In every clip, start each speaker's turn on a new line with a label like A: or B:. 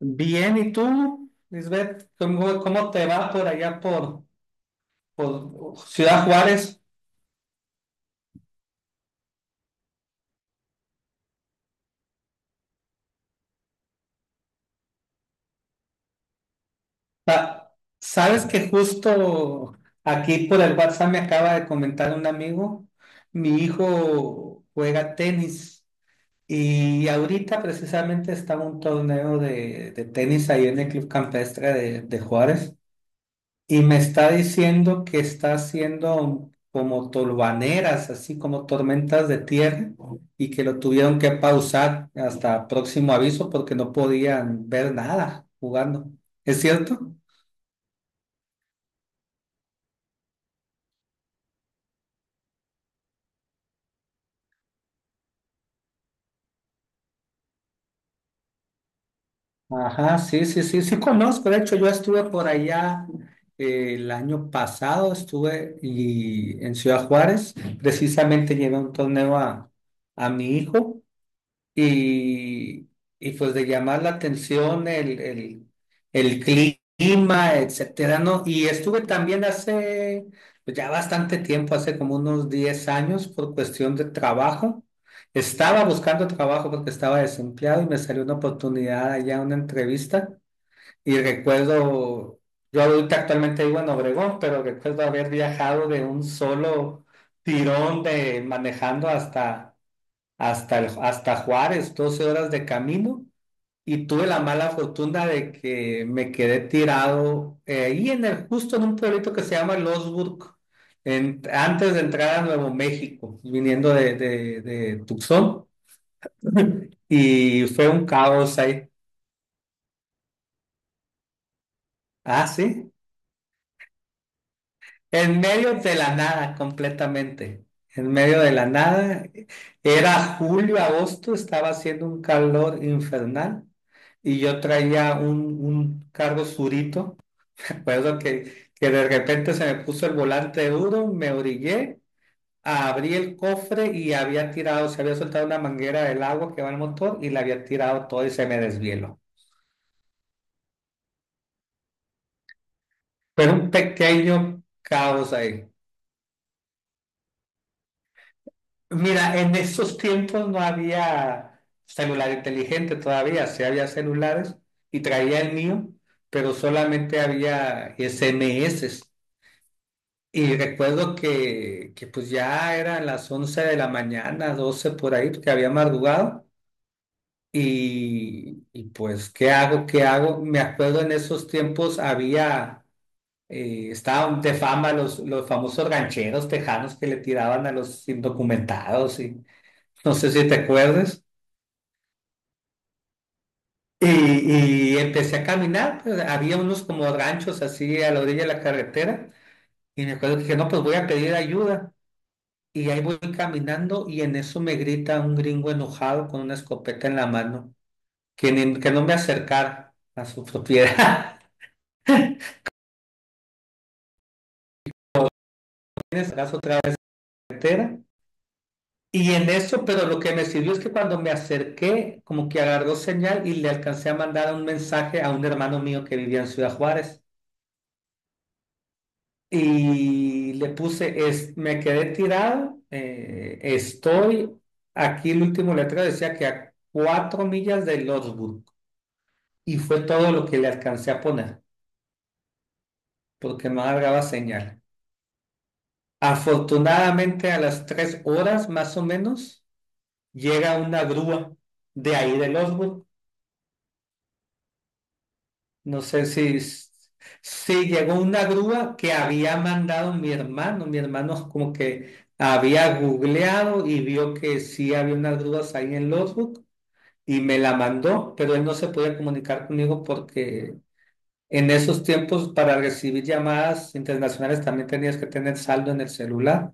A: Bien, ¿y tú, Lisbeth? ¿Cómo te va por allá por Ciudad Juárez? Pa- Sabes que justo aquí por el WhatsApp me acaba de comentar un amigo, mi hijo juega tenis y ahorita precisamente está un torneo de tenis ahí en el Club Campestre de Juárez. Y me está diciendo que está haciendo como tolvaneras, así como tormentas de tierra, y que lo tuvieron que pausar hasta próximo aviso porque no podían ver nada jugando. ¿Es cierto? Ajá, sí, sí, sí, sí conozco. De hecho, yo estuve por allá el año pasado, estuve y, en Ciudad Juárez, precisamente llevé un torneo a mi hijo y, y pues de llamar la atención el clima, etcétera, ¿no? Y estuve también hace pues, ya bastante tiempo, hace como unos 10 años, por cuestión de trabajo. Estaba buscando trabajo porque estaba desempleado y me salió una oportunidad allá, una entrevista. Y recuerdo, yo ahorita actualmente vivo en Obregón, pero recuerdo haber viajado de un solo tirón de manejando hasta Juárez, 12 horas de camino, y tuve la mala fortuna de que me quedé tirado ahí en justo en un pueblito que se llama Losburg, antes de entrar a Nuevo México, viniendo de Tucson, y fue un caos ahí. Ah, sí. En medio de la nada, completamente. En medio de la nada. Era julio, agosto, estaba haciendo un calor infernal y yo traía un carro surito. Recuerdo que de repente se me puso el volante duro, me orillé, abrí el cofre y había tirado, se había soltado una manguera del agua que va al motor y la había tirado todo y se me desvieló. Pero un pequeño caos ahí. Mira, en esos tiempos no había celular inteligente todavía, sí había celulares y traía el mío, pero solamente había SMS. Y recuerdo que pues ya eran las 11 de la mañana, 12 por ahí, porque había madrugado. Y pues, ¿qué hago? ¿Qué hago? Me acuerdo en esos tiempos había estaban de fama los famosos rancheros tejanos que le tiraban a los indocumentados y no sé si te acuerdas. Y empecé a caminar, pues, había unos como ranchos así a la orilla de la carretera. Y me acuerdo que dije, no, pues voy a pedir ayuda. Y ahí voy caminando y en eso me grita un gringo enojado con una escopeta en la mano, que no me acercara a su propiedad. En ese caso, otra vez carretera. Y en eso, pero lo que me sirvió es que cuando me acerqué, como que agarró señal y le alcancé a mandar un mensaje a un hermano mío que vivía en Ciudad Juárez. Y le puse, es, me quedé tirado, estoy, aquí el último letrero decía que a 4 millas de Lordsburg. Y fue todo lo que le alcancé a poner, porque no agarraba señal. Afortunadamente a las 3 horas más o menos llega una grúa de ahí de Lordsburg. No sé si, si llegó una grúa que había mandado mi hermano. Mi hermano como que había googleado y vio que sí había unas grúas ahí en Lotbook y me la mandó, pero él no se podía comunicar conmigo porque en esos tiempos para recibir llamadas internacionales también tenías que tener saldo en el celular.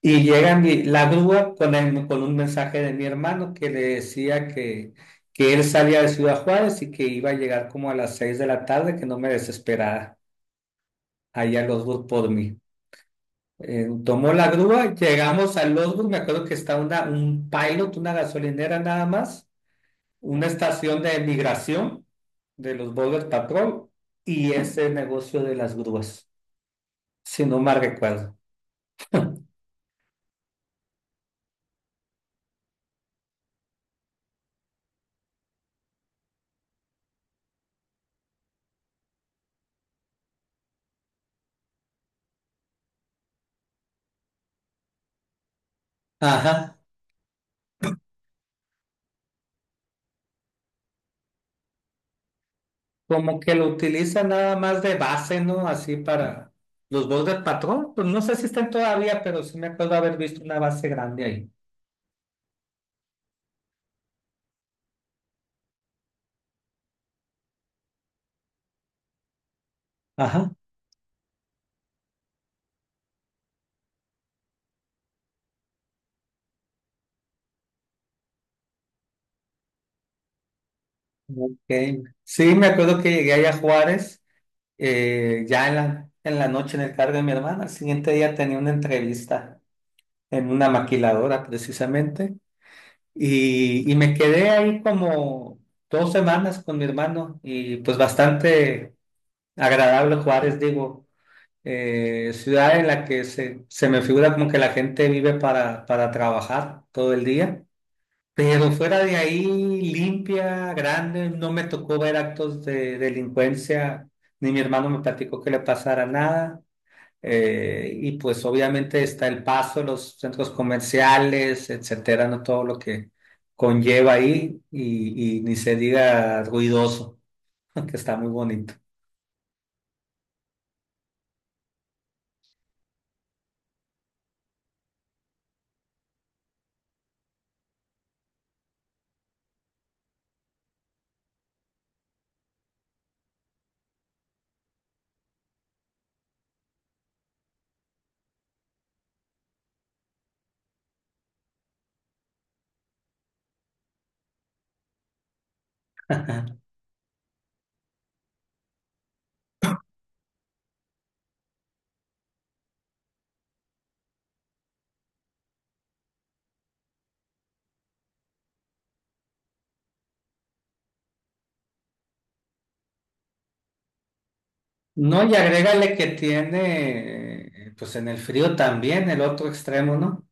A: Y llega la grúa con, con un mensaje de mi hermano que le decía que él salía de Ciudad Juárez y que iba a llegar como a las 6 de la tarde, que no me desesperara allá a Losburg por mí. Tomó la grúa, llegamos a Losburg, me acuerdo que está una, un pilot, una gasolinera nada más, una estación de migración de los Border Patrol y ese negocio de las grúas, si no mal recuerdo. Ajá. Como que lo utiliza nada más de base, ¿no? Así para los bordes patrón. Pues no sé si están todavía, pero sí me acuerdo haber visto una base grande ahí. Ajá. Ok. Sí, me acuerdo que llegué allá a Juárez, ya en la noche en el cargo de mi hermana. Al siguiente día tenía una entrevista en una maquiladora, precisamente. Y me quedé ahí como 2 semanas con mi hermano y pues bastante agradable Juárez, digo. Eh, ciudad en la que se me figura como que la gente vive para trabajar todo el día. Pero fuera de ahí, limpia, grande, no me tocó ver actos de delincuencia, ni mi hermano me platicó que le pasara nada. Y pues obviamente está El Paso, los centros comerciales, etcétera, no todo lo que conlleva ahí y ni se diga ruidoso, que está muy bonito. No, y agrégale que tiene, pues en el frío también, el otro extremo, ¿no?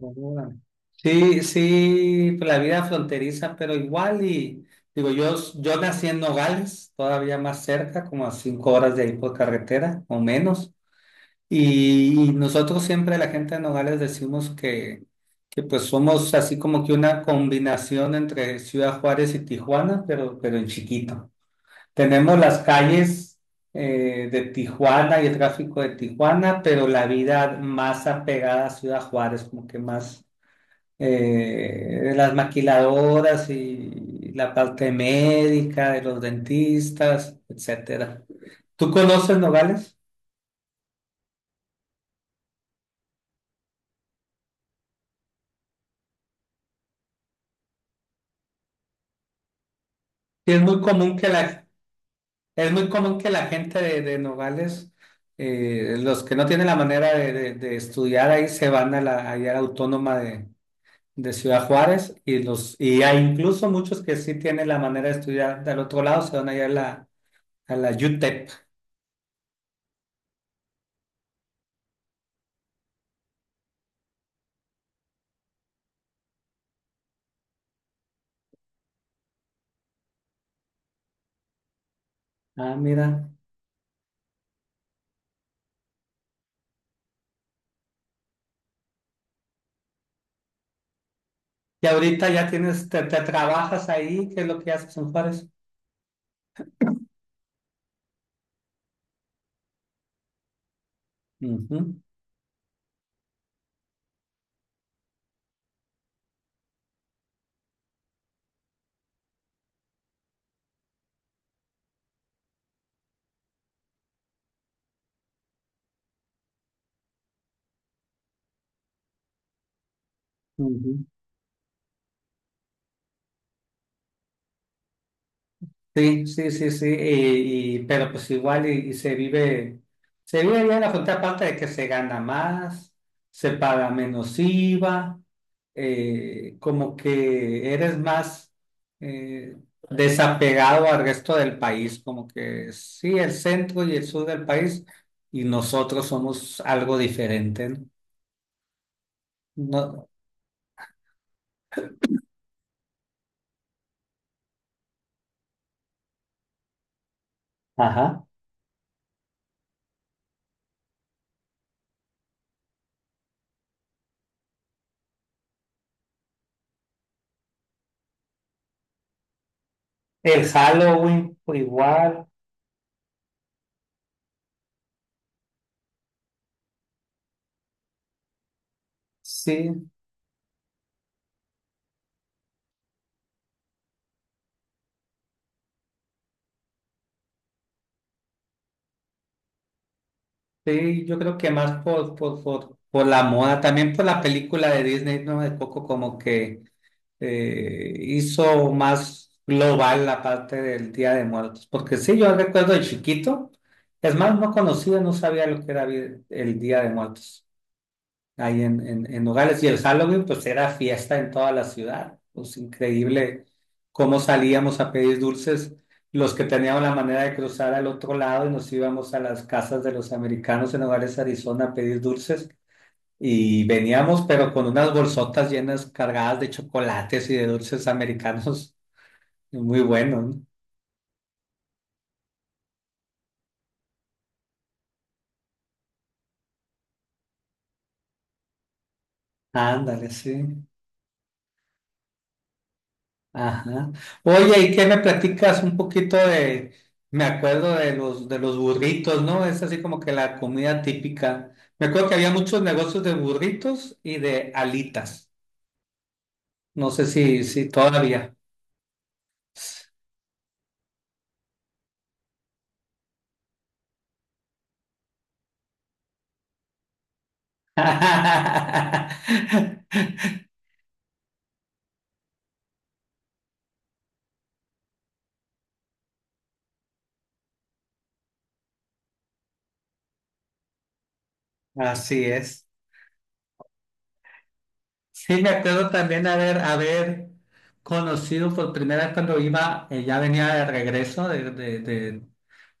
A: Órale. Sí, sí, pues, la vida fronteriza, pero igual y, digo, yo nací en Nogales, todavía más cerca, como a 5 horas de ahí por carretera, o menos, y nosotros siempre, la gente de Nogales, decimos que pues somos así como que una combinación entre Ciudad Juárez y Tijuana, pero en chiquito. Tenemos las calles de Tijuana y el tráfico de Tijuana, pero la vida más apegada a Ciudad Juárez, como que más las maquiladoras y la parte médica de los dentistas, etcétera. ¿Tú conoces Nogales? Sí, es muy común que la, es muy común que la gente de Nogales, los que no tienen la manera de estudiar ahí, se van a la, allá a la autónoma de Ciudad Juárez y los y hay incluso muchos que sí tienen la manera de estudiar del otro lado, se van allá a la UTEP. Ah, mira. Y ahorita ya tienes, te trabajas ahí, ¿qué es lo que haces en Juárez? Ujú, ujú. Sí, sí, sí, sí, y, pero pues igual y se vive bien la frontera contraparte de que se gana más, se paga menos IVA, como que eres más eh, desapegado al resto del país, como que sí, el centro y el sur del país y nosotros somos algo diferente, ¿no? No- ajá. El Halloween, pues, igual, sí. Sí, yo creo que más por la moda, también por la película de Disney, ¿no? De Coco como que hizo más global la parte del Día de Muertos, porque sí, yo recuerdo de chiquito, es más, no conocía, no sabía lo que era el Día de Muertos ahí en Nogales. Y el Halloween, pues era fiesta en toda la ciudad. Pues increíble cómo salíamos a pedir dulces. Los que teníamos la manera de cruzar al otro lado y nos íbamos a las casas de los americanos en Nogales, Arizona, a pedir dulces. Y veníamos, pero con unas bolsotas llenas, cargadas de chocolates y de dulces americanos. Muy bueno, ¿no? Ándale, sí. Ajá. Oye, ¿y qué me platicas un poquito de, me acuerdo de los burritos, ¿no? Es así como que la comida típica. Me acuerdo que había muchos negocios de burritos y de alitas. No sé si, si todavía. Así es. Sí, me acuerdo también haber, haber conocido por primera vez cuando iba, ya venía de regreso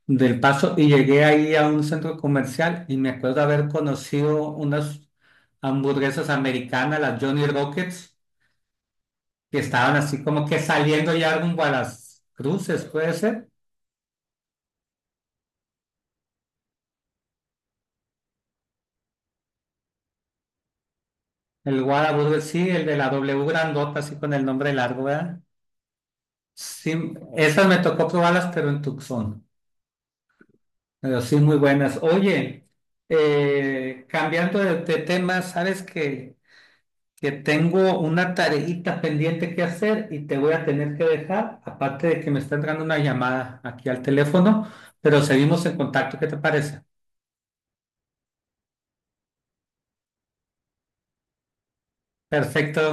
A: del Paso y llegué ahí a un centro comercial y me acuerdo haber conocido unas hamburguesas americanas, las Johnny Rockets, que estaban así como que saliendo ya rumbo a las cruces, puede ser. El Whataburger, sí, el de la W grandota, así con el nombre largo, ¿verdad? Sí, esas me tocó probarlas, pero en Tucson. Pero sí, muy buenas. Oye, cambiando de tema, ¿sabes qué? Que tengo una tarejita pendiente que hacer y te voy a tener que dejar, aparte de que me está entrando una llamada aquí al teléfono, pero seguimos en contacto, ¿qué te parece? Perfecto.